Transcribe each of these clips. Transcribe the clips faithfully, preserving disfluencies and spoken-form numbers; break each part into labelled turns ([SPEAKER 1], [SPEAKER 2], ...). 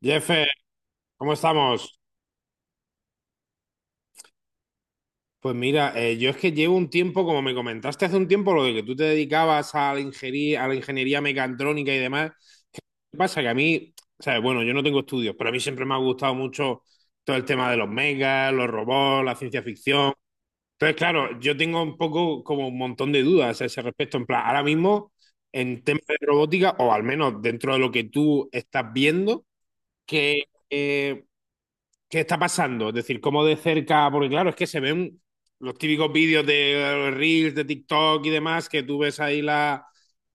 [SPEAKER 1] Jefe, ¿cómo estamos? Pues mira, eh, yo es que llevo un tiempo, como me comentaste hace un tiempo, lo de que tú te dedicabas a la ingeniería, a la ingeniería mecatrónica y demás. ¿Qué pasa? Que a mí, sabes, bueno, yo no tengo estudios, pero a mí siempre me ha gustado mucho todo el tema de los megas, los robots, la ciencia ficción. Entonces, claro, yo tengo un poco como un montón de dudas a ese respecto. En plan, ahora mismo, en temas de robótica, o al menos dentro de lo que tú estás viendo, que ¿qué está pasando? Es decir, cómo de cerca, porque claro, es que se ven los típicos vídeos de Reels, de TikTok y demás, que tú ves ahí las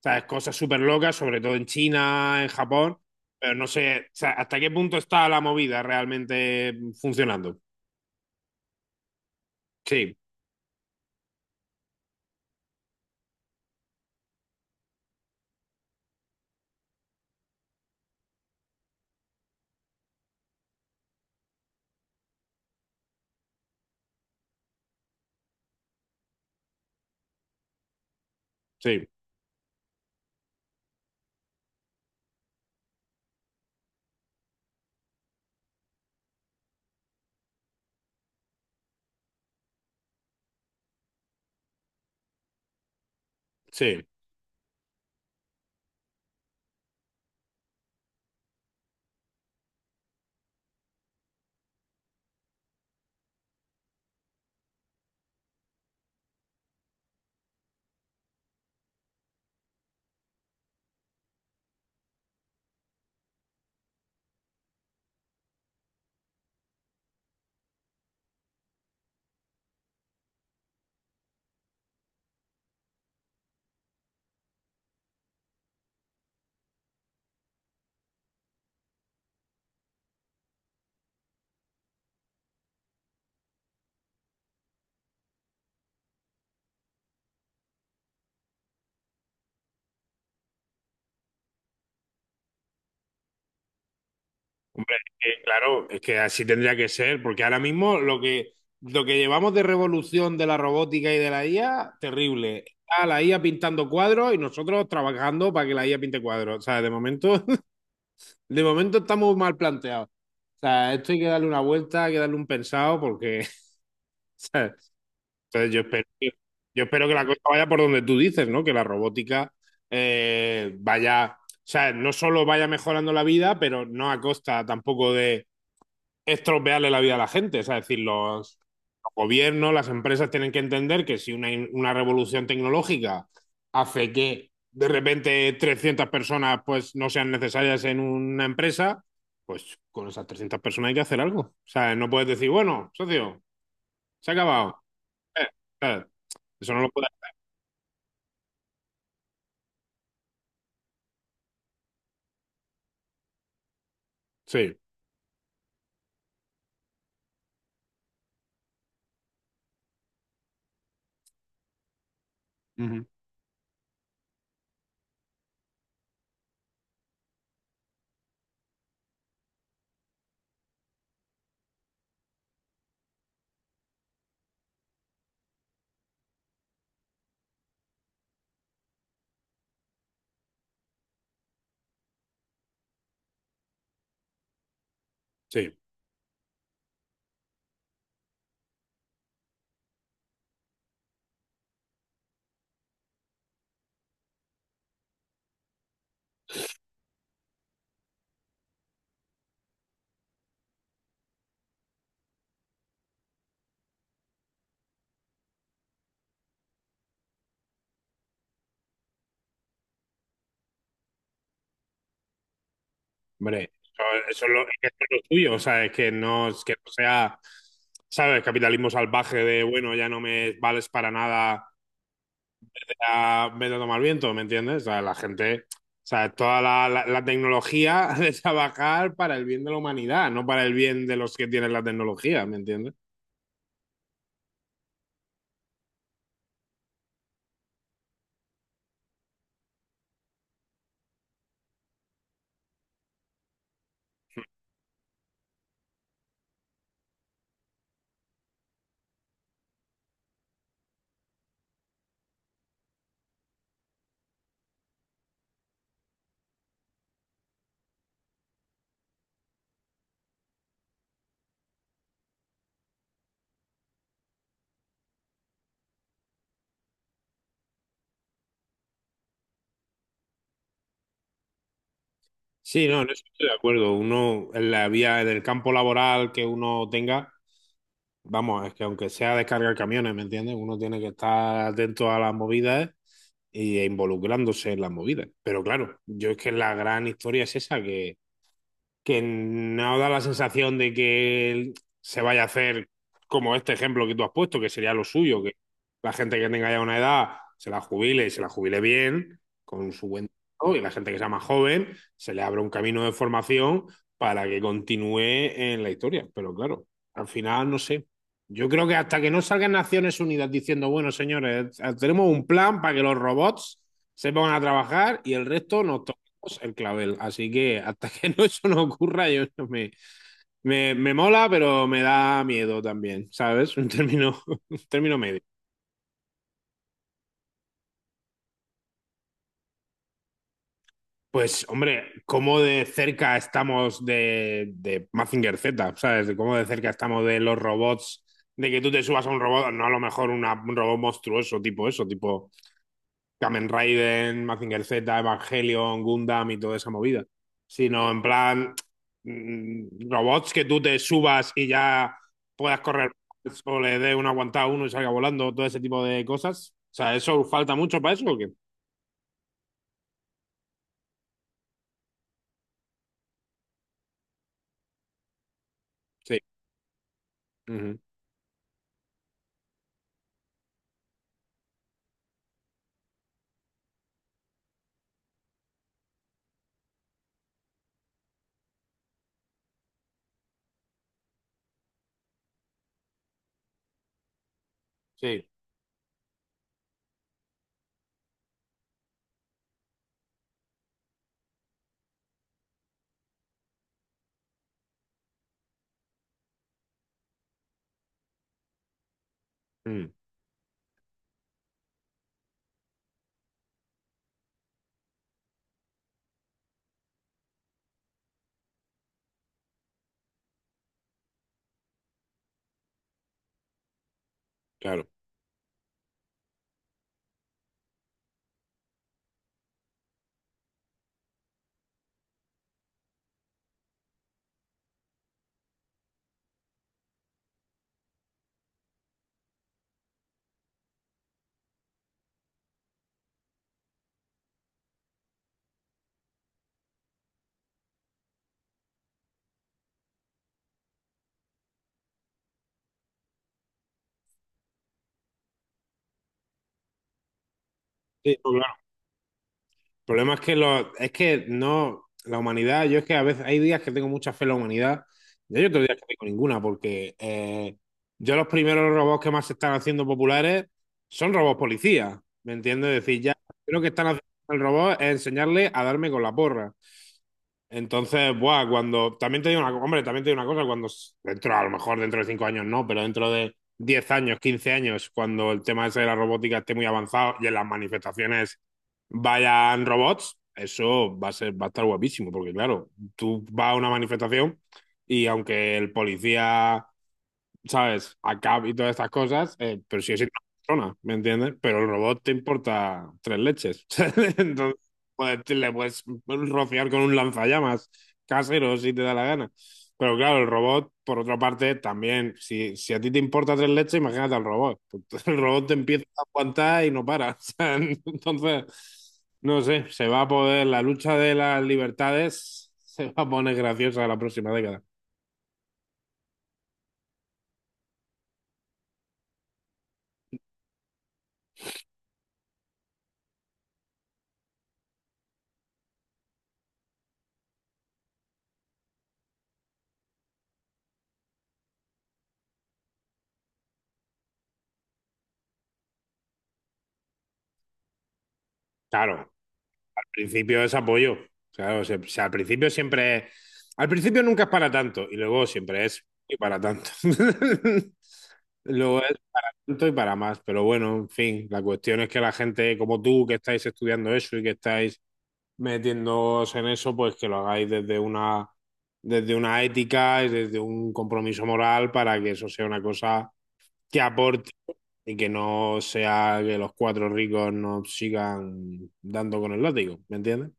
[SPEAKER 1] ¿sabes?, cosas súper locas, sobre todo en China, en Japón, pero no sé, o sea, hasta qué punto está la movida realmente funcionando. Sí, sí, sí. Hombre, es que, claro, es que así tendría que ser, porque ahora mismo lo que, lo que llevamos de revolución de la robótica y de la I A, terrible. Está la I A pintando cuadros y nosotros trabajando para que la I A pinte cuadros. O sea, de momento, de momento estamos mal planteados. O sea, esto hay que darle una vuelta, hay que darle un pensado, porque, ¿sabes? Entonces yo espero, que- yo espero que la cosa vaya por donde tú dices, ¿no? Que la robótica eh, vaya, o sea, no solo vaya mejorando la vida, pero no a costa tampoco de estropearle la vida a la gente. Es decir, los, los gobiernos, las empresas tienen que entender que si una, una revolución tecnológica hace que de repente trescientas personas pues no sean necesarias en una empresa, pues con esas trescientas personas hay que hacer algo. O sea, no puedes decir, bueno, socio, se ha acabado. Eh, eh, eso no lo puedes. Sí, ujú, sí, hombre. Eso, eso es lo, es que eso es lo tuyo, o sea, es que no, es que no sea, ¿sabes? Capitalismo salvaje de, bueno, ya no me vales para nada sea, me lo a al viento, ¿me entiendes? O sea, la gente, o sea, toda la, la- la tecnología de trabajar para el bien de la humanidad, no para el bien de los que tienen la tecnología, ¿me entiendes? Sí, no, en eso estoy de acuerdo. Uno, en la vía, en el campo laboral que uno tenga, vamos, es que aunque sea descargar camiones, ¿me entiendes? Uno tiene que estar atento a las movidas y e involucrándose en las movidas. Pero claro, yo es que la gran historia es esa que que no da la sensación de que se vaya a hacer como este ejemplo que tú has puesto, que sería lo suyo, que la gente que tenga ya una edad se la jubile y se la jubile bien, con su buen trabajo, y la gente que sea más joven se le abra un camino de formación para que continúe en la historia. Pero claro, al final no sé. Yo creo que hasta que no salgan Naciones Unidas diciendo, bueno, señores, tenemos un plan para que los robots se pongan a trabajar y el resto nos el clavel. Así que hasta que no eso no ocurra, yo no me, me, me mola, pero me da miedo también, ¿sabes? Un término, un término medio. Pues, hombre, cómo de cerca estamos de, de Mazinger Z, ¿sabes? De cómo de cerca estamos de los robots, de que tú te subas a un robot, no a lo mejor una- un robot monstruoso, tipo eso, tipo Kamen Raiden, Mazinger Z, Evangelion, Gundam y toda esa movida. Sino en plan mm, robots que tú te subas y ya puedas correr o le dé una aguantada a uno y salga volando, todo ese tipo de cosas. O sea, ¿eso falta mucho para eso o qué? Sí. Ujú. Sí. Mm, claro. Sí, no, claro. El problema es que, lo, es que no, la humanidad, yo es que a veces hay días que tengo mucha fe en la humanidad y hay otros días que no tengo ninguna, porque eh, yo los primeros robots que más se están haciendo populares son robots policías, ¿me entiendes? Es decir, ya lo que están haciendo el robot es enseñarle a darme con la porra. Entonces, buah, cuando. También te digo una, co- hombre, también te digo una cosa, cuando s- dentro, a lo mejor dentro de cinco años no, pero dentro de diez años, quince años, cuando el tema ese de la robótica esté muy avanzado y en las manifestaciones vayan robots, eso va a ser, va a estar guapísimo, porque claro, tú vas a una manifestación y aunque el policía ¿sabes? Acá y todas estas cosas, eh, pero si es una persona, ¿me entiendes? Pero el robot te importa tres leches. Entonces, pues, te- le puedes rociar con un lanzallamas casero si te da la gana. Pero claro, el robot, por otra parte, también, si, si a ti te importa tres leches, imagínate al robot. El robot te empieza a aguantar y no para. O sea, entonces, no sé, se va a poder, la lucha de las libertades se va a poner graciosa la próxima década. Claro, principio es apoyo. Claro, o o sea, al principio siempre es. Al principio nunca es para tanto y luego siempre es y para tanto. Luego es para tanto y para más. Pero bueno, en fin, la cuestión es que la gente como tú que estáis estudiando eso y que estáis metiéndoos en eso, pues que lo hagáis desde una, desde una ética y desde un compromiso moral para que eso sea una cosa que aporte y que no sea que los cuatro ricos nos sigan dando con el látigo. ¿Me entiendes?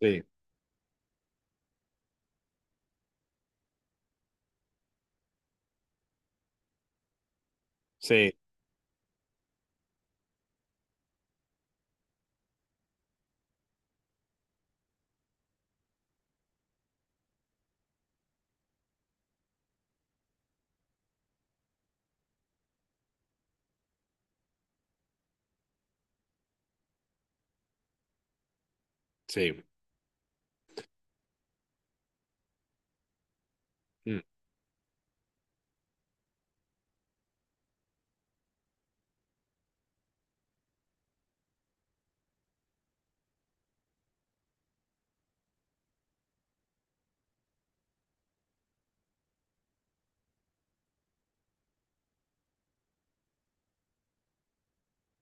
[SPEAKER 1] Sí. Sí, sí. Mm,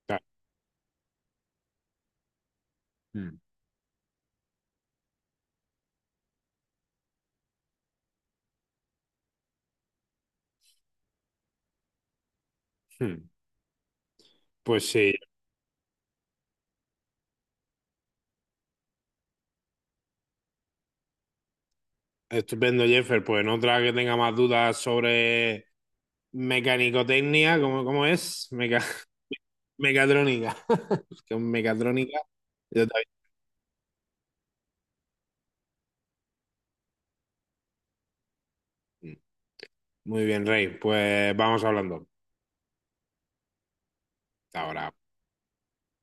[SPEAKER 1] ta- mm, mm. Pues sí, estupendo, Jeffer. Pues en otra que tenga más dudas sobre mecanicotecnia, ¿cómo, cómo es? Meca- mecatrónica. Con mecatrónica. Yo también. Mm, muy bien, Rey. Pues vamos hablando. Hasta ahora.